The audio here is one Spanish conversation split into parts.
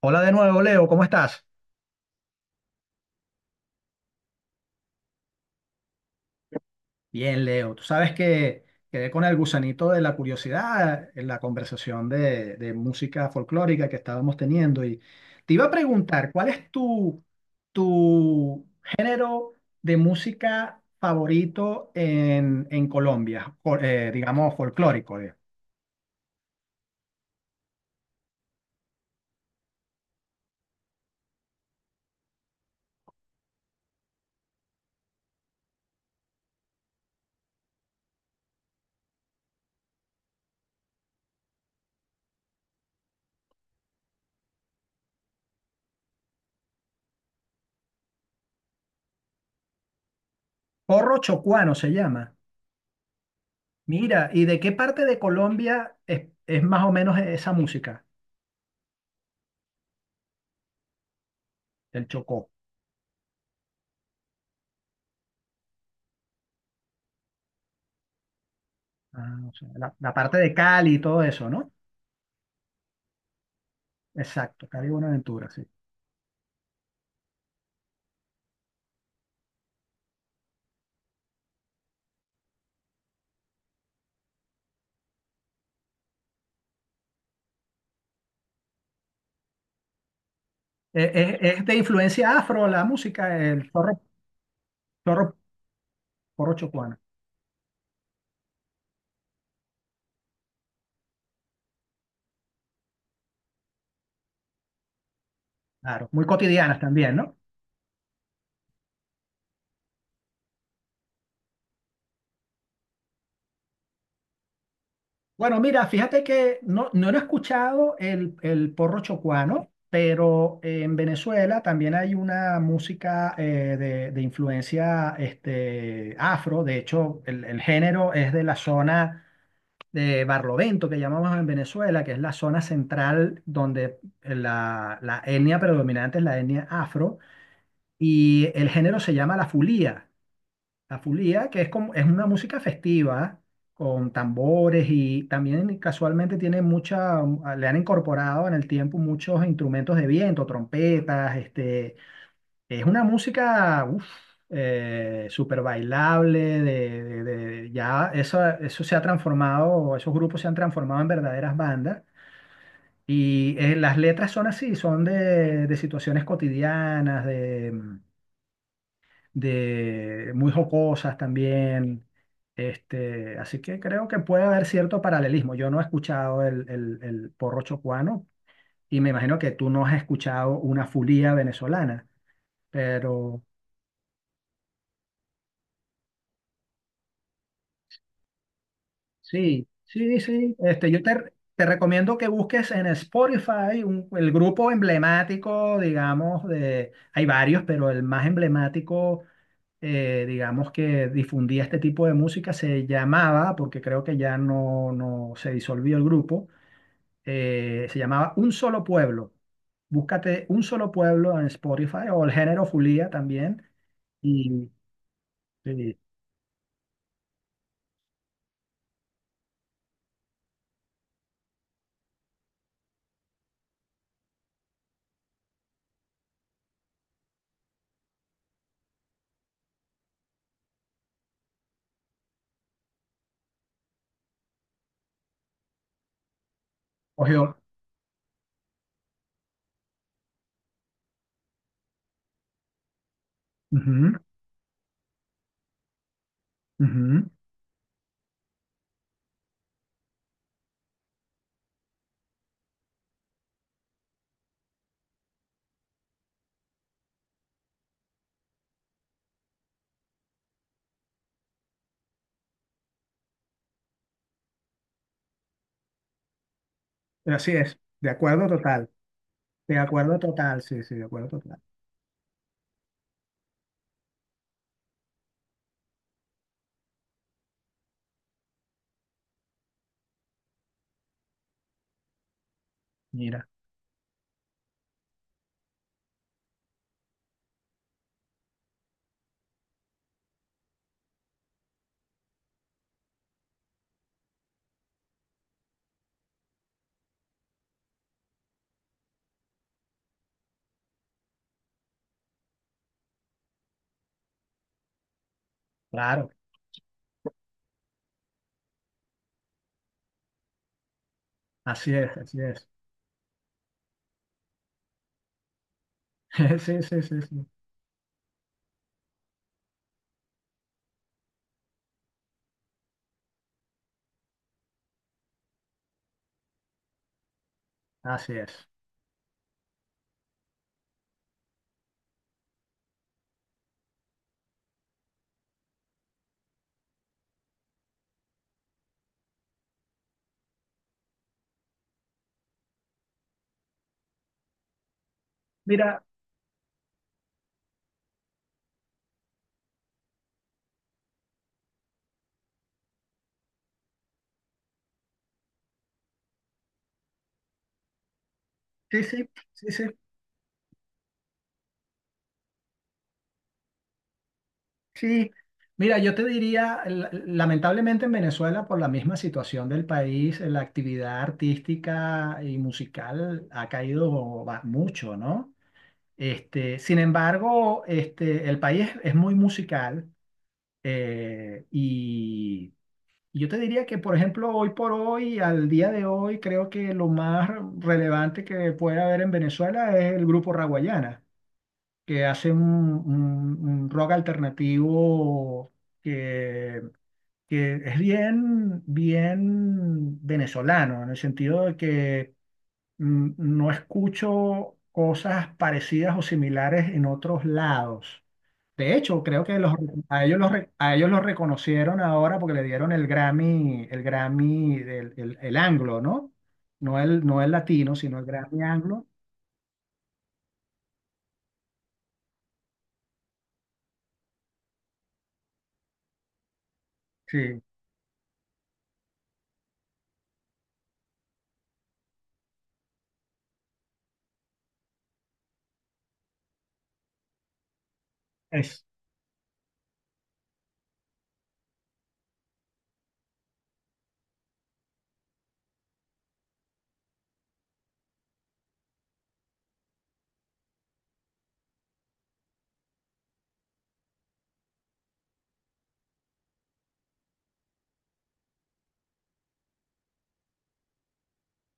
Hola de nuevo, Leo, ¿cómo estás? Bien, Leo, tú sabes que quedé con el gusanito de la curiosidad en la conversación de música folclórica que estábamos teniendo y te iba a preguntar, ¿cuál es tu género de música favorito en Colombia? Digamos, folclórico. Porro chocuano se llama. Mira, ¿y de qué parte de Colombia es más o menos esa música? El Chocó. Ah, o sea, la parte de Cali y todo eso, ¿no? Exacto, Cali Buenaventura, sí. Es de influencia afro la música, el zorro, zorro porochocuana. Claro, muy cotidianas también, ¿no? Bueno, mira, fíjate que no lo he escuchado el porro chocuano, pero en Venezuela también hay una música de influencia este, afro. De hecho, el género es de la zona de Barlovento, que llamamos en Venezuela, que es la zona central donde la etnia predominante es la etnia afro. Y el género se llama la fulía. La fulía, que es, como, es una música festiva, con tambores y también casualmente tiene mucha, le han incorporado en el tiempo muchos instrumentos de viento, trompetas, este, es una música, súper bailable, ya eso se ha transformado, esos grupos se han transformado en verdaderas bandas. Y las letras son así, son de situaciones cotidianas, de muy jocosas también. Este, así que creo que puede haber cierto paralelismo. Yo no he escuchado el porro chocuano y me imagino que tú no has escuchado una fulía venezolana, pero sí, sí, sí. Este, yo te recomiendo que busques en Spotify el grupo emblemático, digamos, de, hay varios, pero el más emblemático, digamos, que difundía este tipo de música se llamaba, porque creo que ya no se disolvió el grupo, se llamaba Un Solo Pueblo. Búscate Un Solo Pueblo en Spotify o el género Fulía también. Y, y- Ojo, ujú, ujú. Así es, de acuerdo total. De acuerdo total, sí, sí, de acuerdo total. Mira, claro, así es, así es. Sí, sí, sí, sí, así es. Mira, sí, sí, sí, sí, sí. Mira, yo te diría, lamentablemente en Venezuela, por la misma situación del país, la actividad artística y musical ha caído mucho, ¿no? Este, sin embargo, este, el país es muy musical, eh, y yo te diría que, por ejemplo, hoy por hoy, al día de hoy, creo que lo más relevante que puede haber en Venezuela es el grupo Raguayana, que hace un rock alternativo que, que es bien, bien venezolano, en el sentido de que mm, no escucho cosas parecidas o similares en otros lados. De hecho, creo que a ellos a ellos los reconocieron ahora porque le dieron el Grammy, el Grammy, el anglo, ¿no? No no el latino, sino el Grammy anglo. Sí, es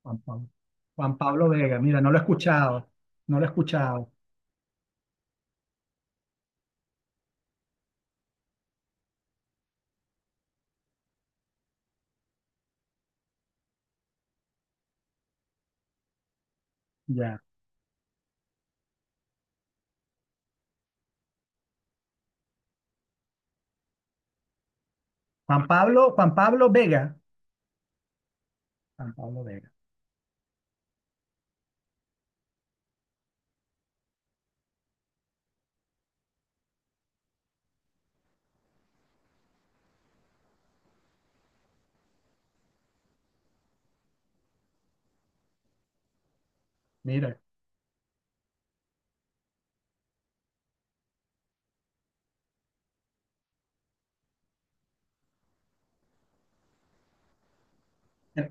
Juan Pablo. Juan Pablo Vega, mira, no lo he escuchado, no lo he escuchado. Ya. Juan Pablo, Juan Pablo Vega, Juan Pablo Vega, mira. eh,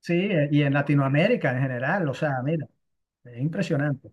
Sí, y en Latinoamérica en general, o sea, mira, es impresionante.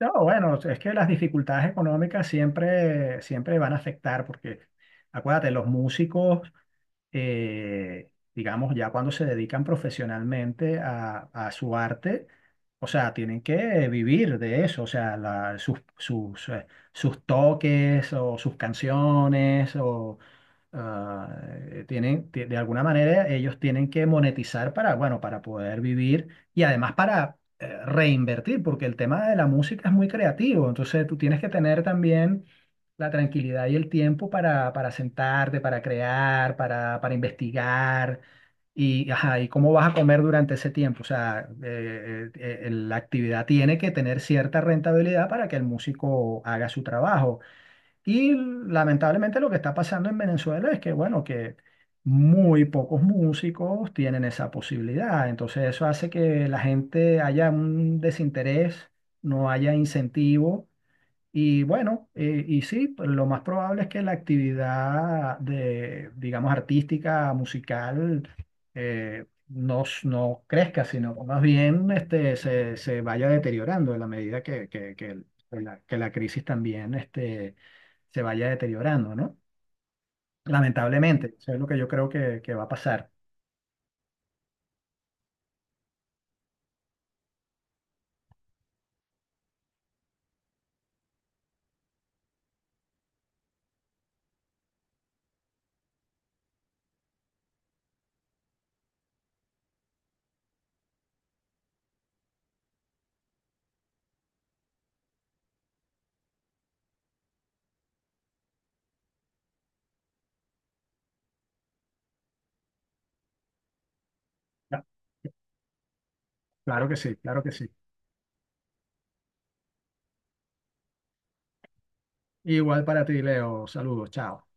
No, bueno, es que las dificultades económicas siempre, siempre van a afectar, porque acuérdate, los músicos digamos, ya cuando se dedican profesionalmente a su arte, o sea, tienen que vivir de eso, o sea, sus, sus toques o sus canciones ah, tienen, de alguna manera ellos tienen que monetizar para, bueno, para poder vivir y además para reinvertir, porque el tema de la música es muy creativo, entonces tú tienes que tener también la tranquilidad y el tiempo para sentarte, para crear, para investigar. Y, ajá, ¿y cómo vas a comer durante ese tiempo? O sea, la actividad tiene que tener cierta rentabilidad para que el músico haga su trabajo. Y lamentablemente lo que está pasando en Venezuela es que, bueno, que muy pocos músicos tienen esa posibilidad. Entonces eso hace que la gente haya un desinterés, no haya incentivo y bueno, y sí, pues, lo más probable es que la actividad de, digamos, artística, musical, no crezca, sino más bien este, se vaya deteriorando en la medida que la crisis también este, se vaya deteriorando, ¿no? Lamentablemente, eso es lo que yo creo que va a pasar. Claro que sí, claro que sí. Igual para ti, Leo. Saludos, chao.